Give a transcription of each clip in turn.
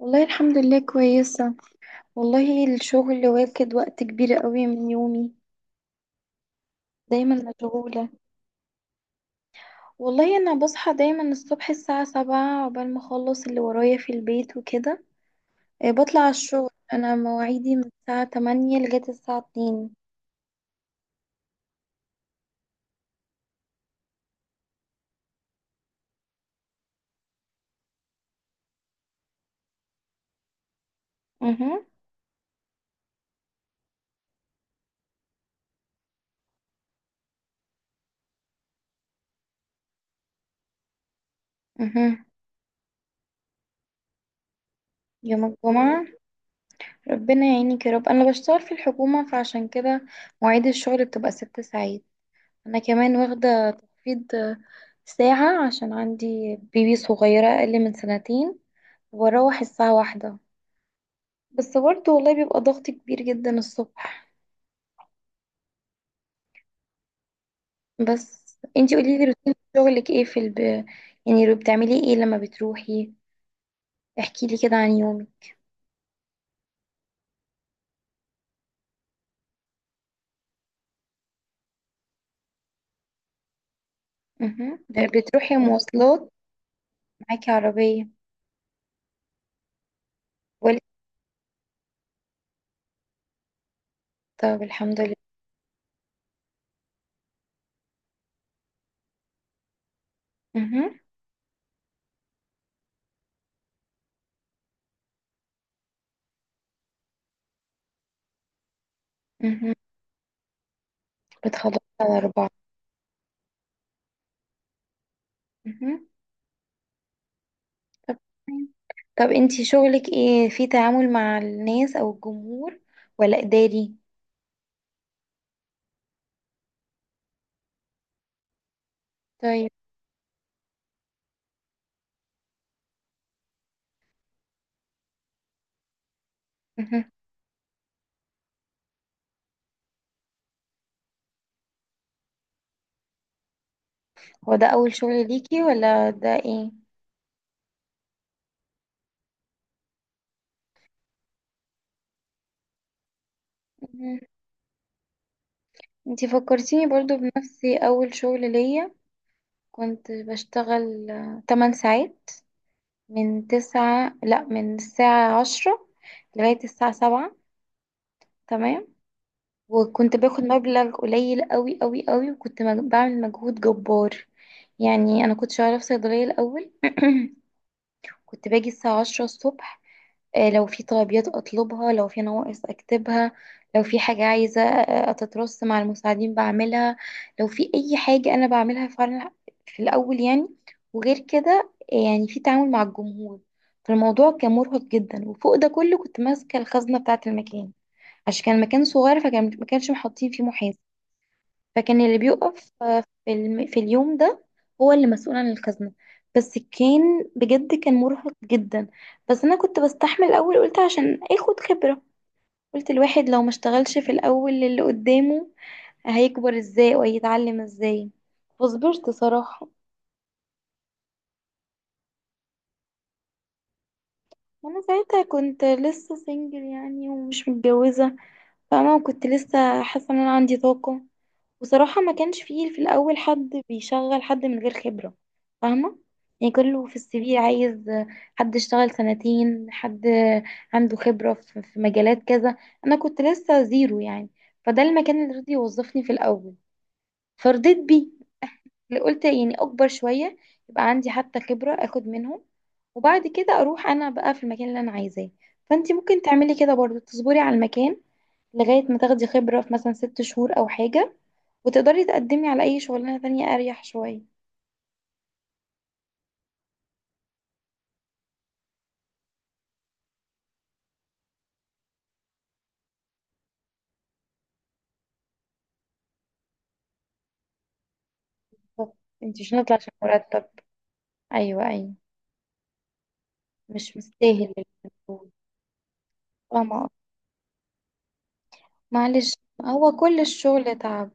والله، الحمد لله كويسة. والله الشغل واخد وقت كبير قوي من يومي. دايما مشغولة. والله أنا بصحى دايما الصبح الساعة 7 عقبال ما أخلص اللي ورايا في البيت وكده. بطلع على الشغل، أنا مواعيدي من الساعة 8 لغاية الساعة 2. اها. اها. يوم الجمعة. ربنا يعينك يا رب، أنا بشتغل في الحكومة فعشان كده مواعيد الشغل بتبقى 6 ساعات. أنا كمان واخدة تخفيض ساعة عشان عندي بيبي صغيرة أقل من سنتين واروح الساعة 1. بس برضه والله بيبقى ضغط كبير جدا الصبح. بس انتي قوليلي روتين شغلك ايه في يعني بتعملي ايه لما بتروحي؟ احكيلي كده عن يومك. مهم. بتروحي مواصلات معاكي عربية ولا؟ طب الحمد لله. مهم. مهم. بتخلصي على أربعة؟ مهم. طب تمام. طب انتي شغلك ايه؟ في تعامل مع الناس او الجمهور ولا إداري؟ طيب. مهم. هو ده أول شغل ليكي ولا ده ايه؟ انتي فكرتيني برضو بنفسي، اول شغل ليا كنت بشتغل 8 ساعات، من 9 لا من الساعة 10 لغاية الساعة 7. تمام. وكنت باخد مبلغ قليل قوي قوي قوي، وكنت بعمل مجهود جبار. يعني انا كنت شغالة في صيدلية الاول. كنت باجي الساعة 10 الصبح، لو في طلبيات اطلبها، لو في نواقص اكتبها، لو في حاجة عايزة اتترص مع المساعدين بعملها، لو في اي حاجة انا بعملها فعلا في الاول يعني. وغير كده يعني في تعامل مع الجمهور. فالموضوع كان مرهق جدا، وفوق ده كله كنت ماسكة الخزنة بتاعة المكان عشان كان مكان صغير، فكان ما كانش محطين فيه محاسب. فكان اللي بيقف في في اليوم ده هو اللي مسؤول عن الخزنة. بس كان بجد كان مرهق جدا. بس انا كنت بستحمل الاول، قلت عشان اخد خبرة. قلت الواحد لو ما اشتغلش في الاول اللي قدامه هيكبر ازاي وهيتعلم ازاي؟ فصبرت صراحة. وانا ساعتها كنت لسه سنجل يعني، ومش متجوزة فاهمة، وكنت لسه حاسة ان انا عندي طاقة. وصراحة ما كانش فيه في الأول حد بيشغل حد من غير خبرة فاهمة. يعني كله في السي في عايز حد اشتغل سنتين، حد عنده خبرة في مجالات كذا. أنا كنت لسه زيرو يعني. فده المكان اللي رضي يوظفني في الأول، فرضيت بيه. اللي قلت يعني أكبر شوية يبقى عندي حتى خبرة أخد منهم، وبعد كده أروح أنا بقى في المكان اللي أنا عايزاه. فأنتي ممكن تعملي كده برضو، تصبري على المكان لغاية ما تاخدي خبرة في مثلا 6 شهور أو حاجة، وتقدري تقدمي على أي شغلانة تانية أريح شوية. بالظبط. انتي مش هنطلع عشان مرتب. أيوة أيوة. مش مستاهل المجهود. اه معلش. هو كل الشغل تعب.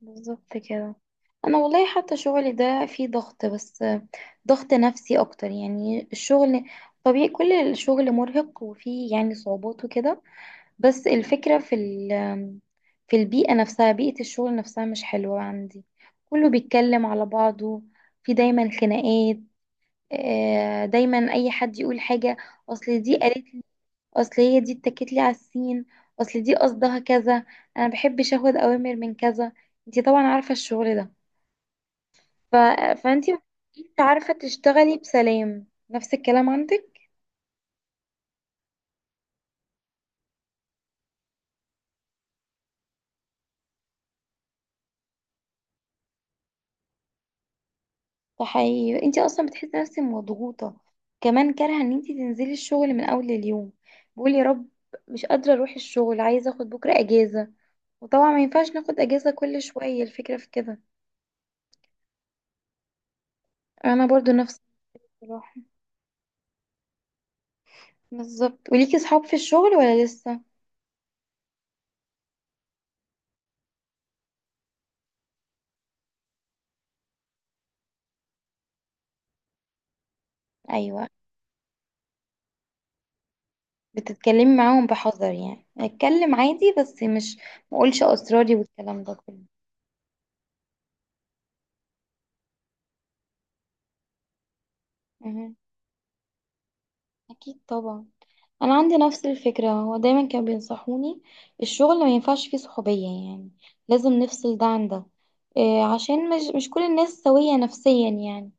بالظبط كده. أنا والله حتى شغلي ده فيه ضغط، بس ضغط نفسي أكتر. يعني الشغل طبيعي، كل الشغل مرهق وفيه يعني صعوبات وكده. بس الفكرة في في البيئة نفسها، بيئة الشغل نفسها مش حلوة عندي. كله بيتكلم على بعضه، في دايما خناقات. دايما أي حد يقول حاجة، أصل دي قالت لي، أصل هي دي اتكت لي على السين، أصل دي قصدها كذا. أنا مبحبش أخد أوامر من كذا. انتي طبعا عارفة الشغل ده. ف... فانتي مبتبقيش عارفة تشتغلي بسلام. نفس الكلام عندك. فحقيقي انت اصلا بتحسي نفسك مضغوطه، كمان كارهه ان انت تنزلي الشغل من اول اليوم. بقولي يا رب مش قادره اروح الشغل، عايزه اخد بكره اجازه. وطبعا ما ينفعش ناخد اجازه كل شويه، الفكره في كده. انا برضو نفس الصراحه. بالظبط. وليكي صحاب في الشغل ولا لسه؟ ايوه. بتتكلمي معاهم بحذر يعني، اتكلم عادي بس مش ما اقولش اسراري والكلام ده كله. مهم. اكيد طبعا. انا عندي نفس الفكره، هو دايما كانوا بينصحوني الشغل ما ينفعش فيه صحوبيه يعني، لازم نفصل ده عن ده. إيه عشان مش كل الناس سويه نفسيا يعني.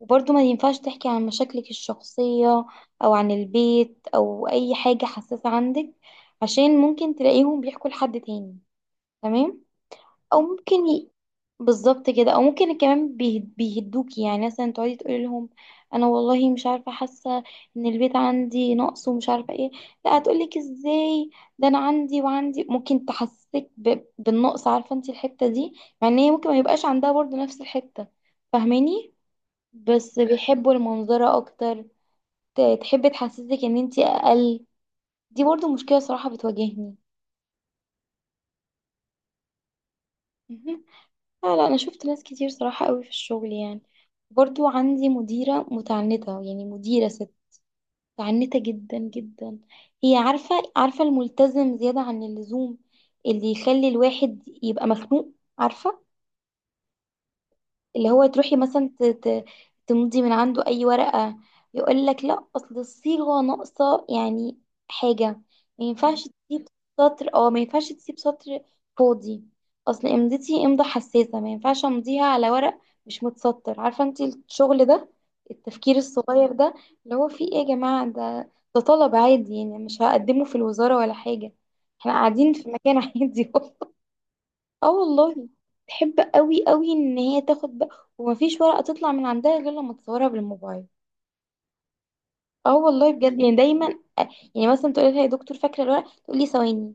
وبرضه ما ينفعش تحكي عن مشاكلك الشخصيه او عن البيت او اي حاجه حساسه عندك، عشان ممكن تلاقيهم بيحكوا لحد تاني. تمام. او ممكن بالظبط كده. او ممكن كمان بيهدوكي، يعني مثلا تقعدي تقولي لهم انا والله مش عارفه حاسه ان البيت عندي نقص ومش عارفه ايه. لا هتقولك ازاي، ده انا عندي وعندي. ممكن تحسسك بالنقص، عارفه انت الحته دي، مع ان هي ممكن ما يبقاش عندها برضو نفس الحته. فاهماني؟ بس بيحبوا المنظره اكتر. تحب تحسسك ان انت اقل. دي برضو مشكله صراحه بتواجهني. لا لا، انا شفت ناس كتير صراحة قوي في الشغل يعني. برضو عندي مديرة متعنتة، يعني مديرة ست متعنتة جدا جدا. هي عارفة الملتزم زيادة عن اللزوم، اللي يخلي الواحد يبقى مخنوق عارفة. اللي هو تروحي مثلا تمضي من عنده اي ورقة، يقول لك لا اصل الصيغة ناقصة، يعني حاجة ما ينفعش تسيب سطر او ما ينفعش تسيب سطر فاضي. اصل امضتي امضة حساسة، ما ينفعش امضيها على ورق مش متسطر. عارفة انت الشغل ده، التفكير الصغير ده اللي هو فيه ايه يا جماعة؟ ده طلب عادي يعني، مش هقدمه في الوزارة ولا حاجة، احنا قاعدين في مكان عادي. اه والله. تحب قوي قوي ان هي تاخد بقى، ومفيش ورقه تطلع من عندها غير لما تصورها بالموبايل. اه والله بجد. يعني دايما آه، يعني مثلا تقول لها يا دكتور فاكره الورقه، تقول لي ثواني،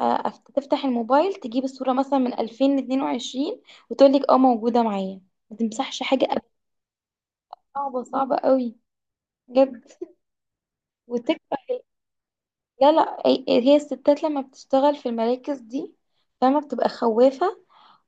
تفتح الموبايل تجيب الصوره مثلا من 2022، وتقول لك اه موجوده معايا. ما تمسحش حاجه أبدا. صعبه صعبه قوي بجد. وتكره ال- لا لا، هي الستات لما بتشتغل في المراكز دي فاهمه بتبقى خوافه،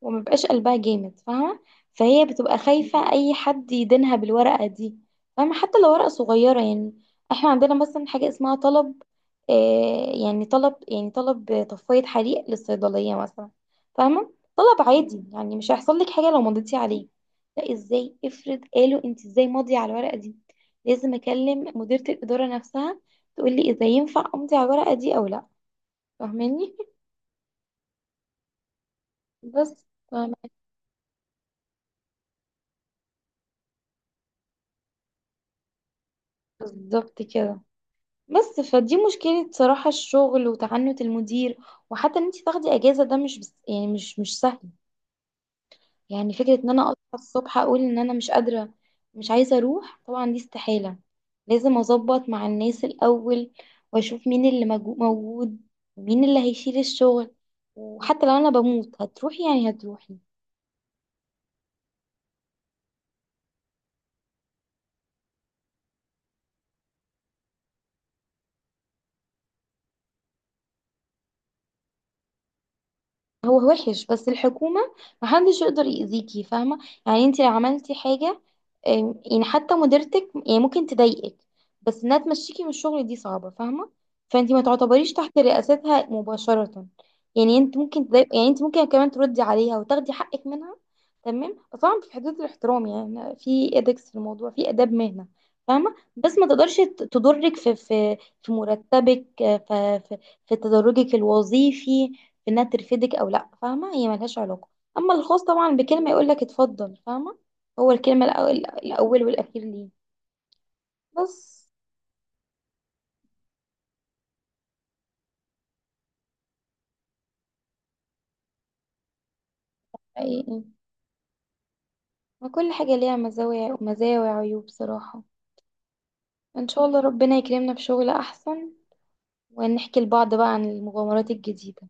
وما بقاش قلبها جامد فاهمة. فهي بتبقى خايفة أي حد يدينها بالورقة دي. فاهمة، حتى لو ورقة صغيرة يعني. احنا عندنا مثلا حاجة اسمها طلب، آه يعني طلب، يعني طلب طفاية حريق للصيدلية مثلا. فاهمة؟ طلب عادي يعني، مش هيحصل لك حاجة لو مضيتي عليه. لا ازاي، افرض قالوا انت ازاي ماضية على الورقة دي؟ لازم اكلم مديرة الإدارة نفسها تقول لي اذا ينفع امضي على الورقة دي او لا. فاهماني؟ بس فاهمة. بالظبط كده. بس فدي مشكلة صراحة، الشغل وتعنت المدير. وحتى ان انت تاخدي اجازة ده مش بس يعني، مش سهل. يعني فكرة ان انا اصحى الصبح اقول ان انا مش قادرة مش عايزة اروح، طبعا دي استحالة. لازم اظبط مع الناس الاول، واشوف مين اللي موجود ومين اللي هيشيل الشغل، وحتى لو انا بموت هتروحي يعني هتروحي. هو وحش، بس الحكومة محدش يقدر يأذيكي فاهمة. يعني انت لو عملتي حاجة، يعني حتى مديرتك يعني ممكن تضايقك، بس انها تمشيكي من الشغل دي صعبة فاهمة. فانت ما تعتبريش تحت رئاستها مباشرة. يعني انت ممكن تضايق، يعني انت ممكن كمان تردي عليها وتاخدي حقك منها. تمام. بس طبعا في حدود الاحترام، يعني في ادكس في الموضوع، في آداب مهنة فاهمة. بس ما تقدرش تضرك في مرتبك، في تدرجك الوظيفي، في انها ترفدك او لا. فاهمه هي ملهاش علاقه. اما الخاص طبعا بكلمه يقول لك اتفضل، فاهمه. هو الكلمه الأول، والاخير ليه. بس حقيقي، ما كل حاجه ليها مزايا وعيوب بصراحه. ان شاء الله ربنا يكرمنا بشغل احسن، ونحكي لبعض بقى عن المغامرات الجديده.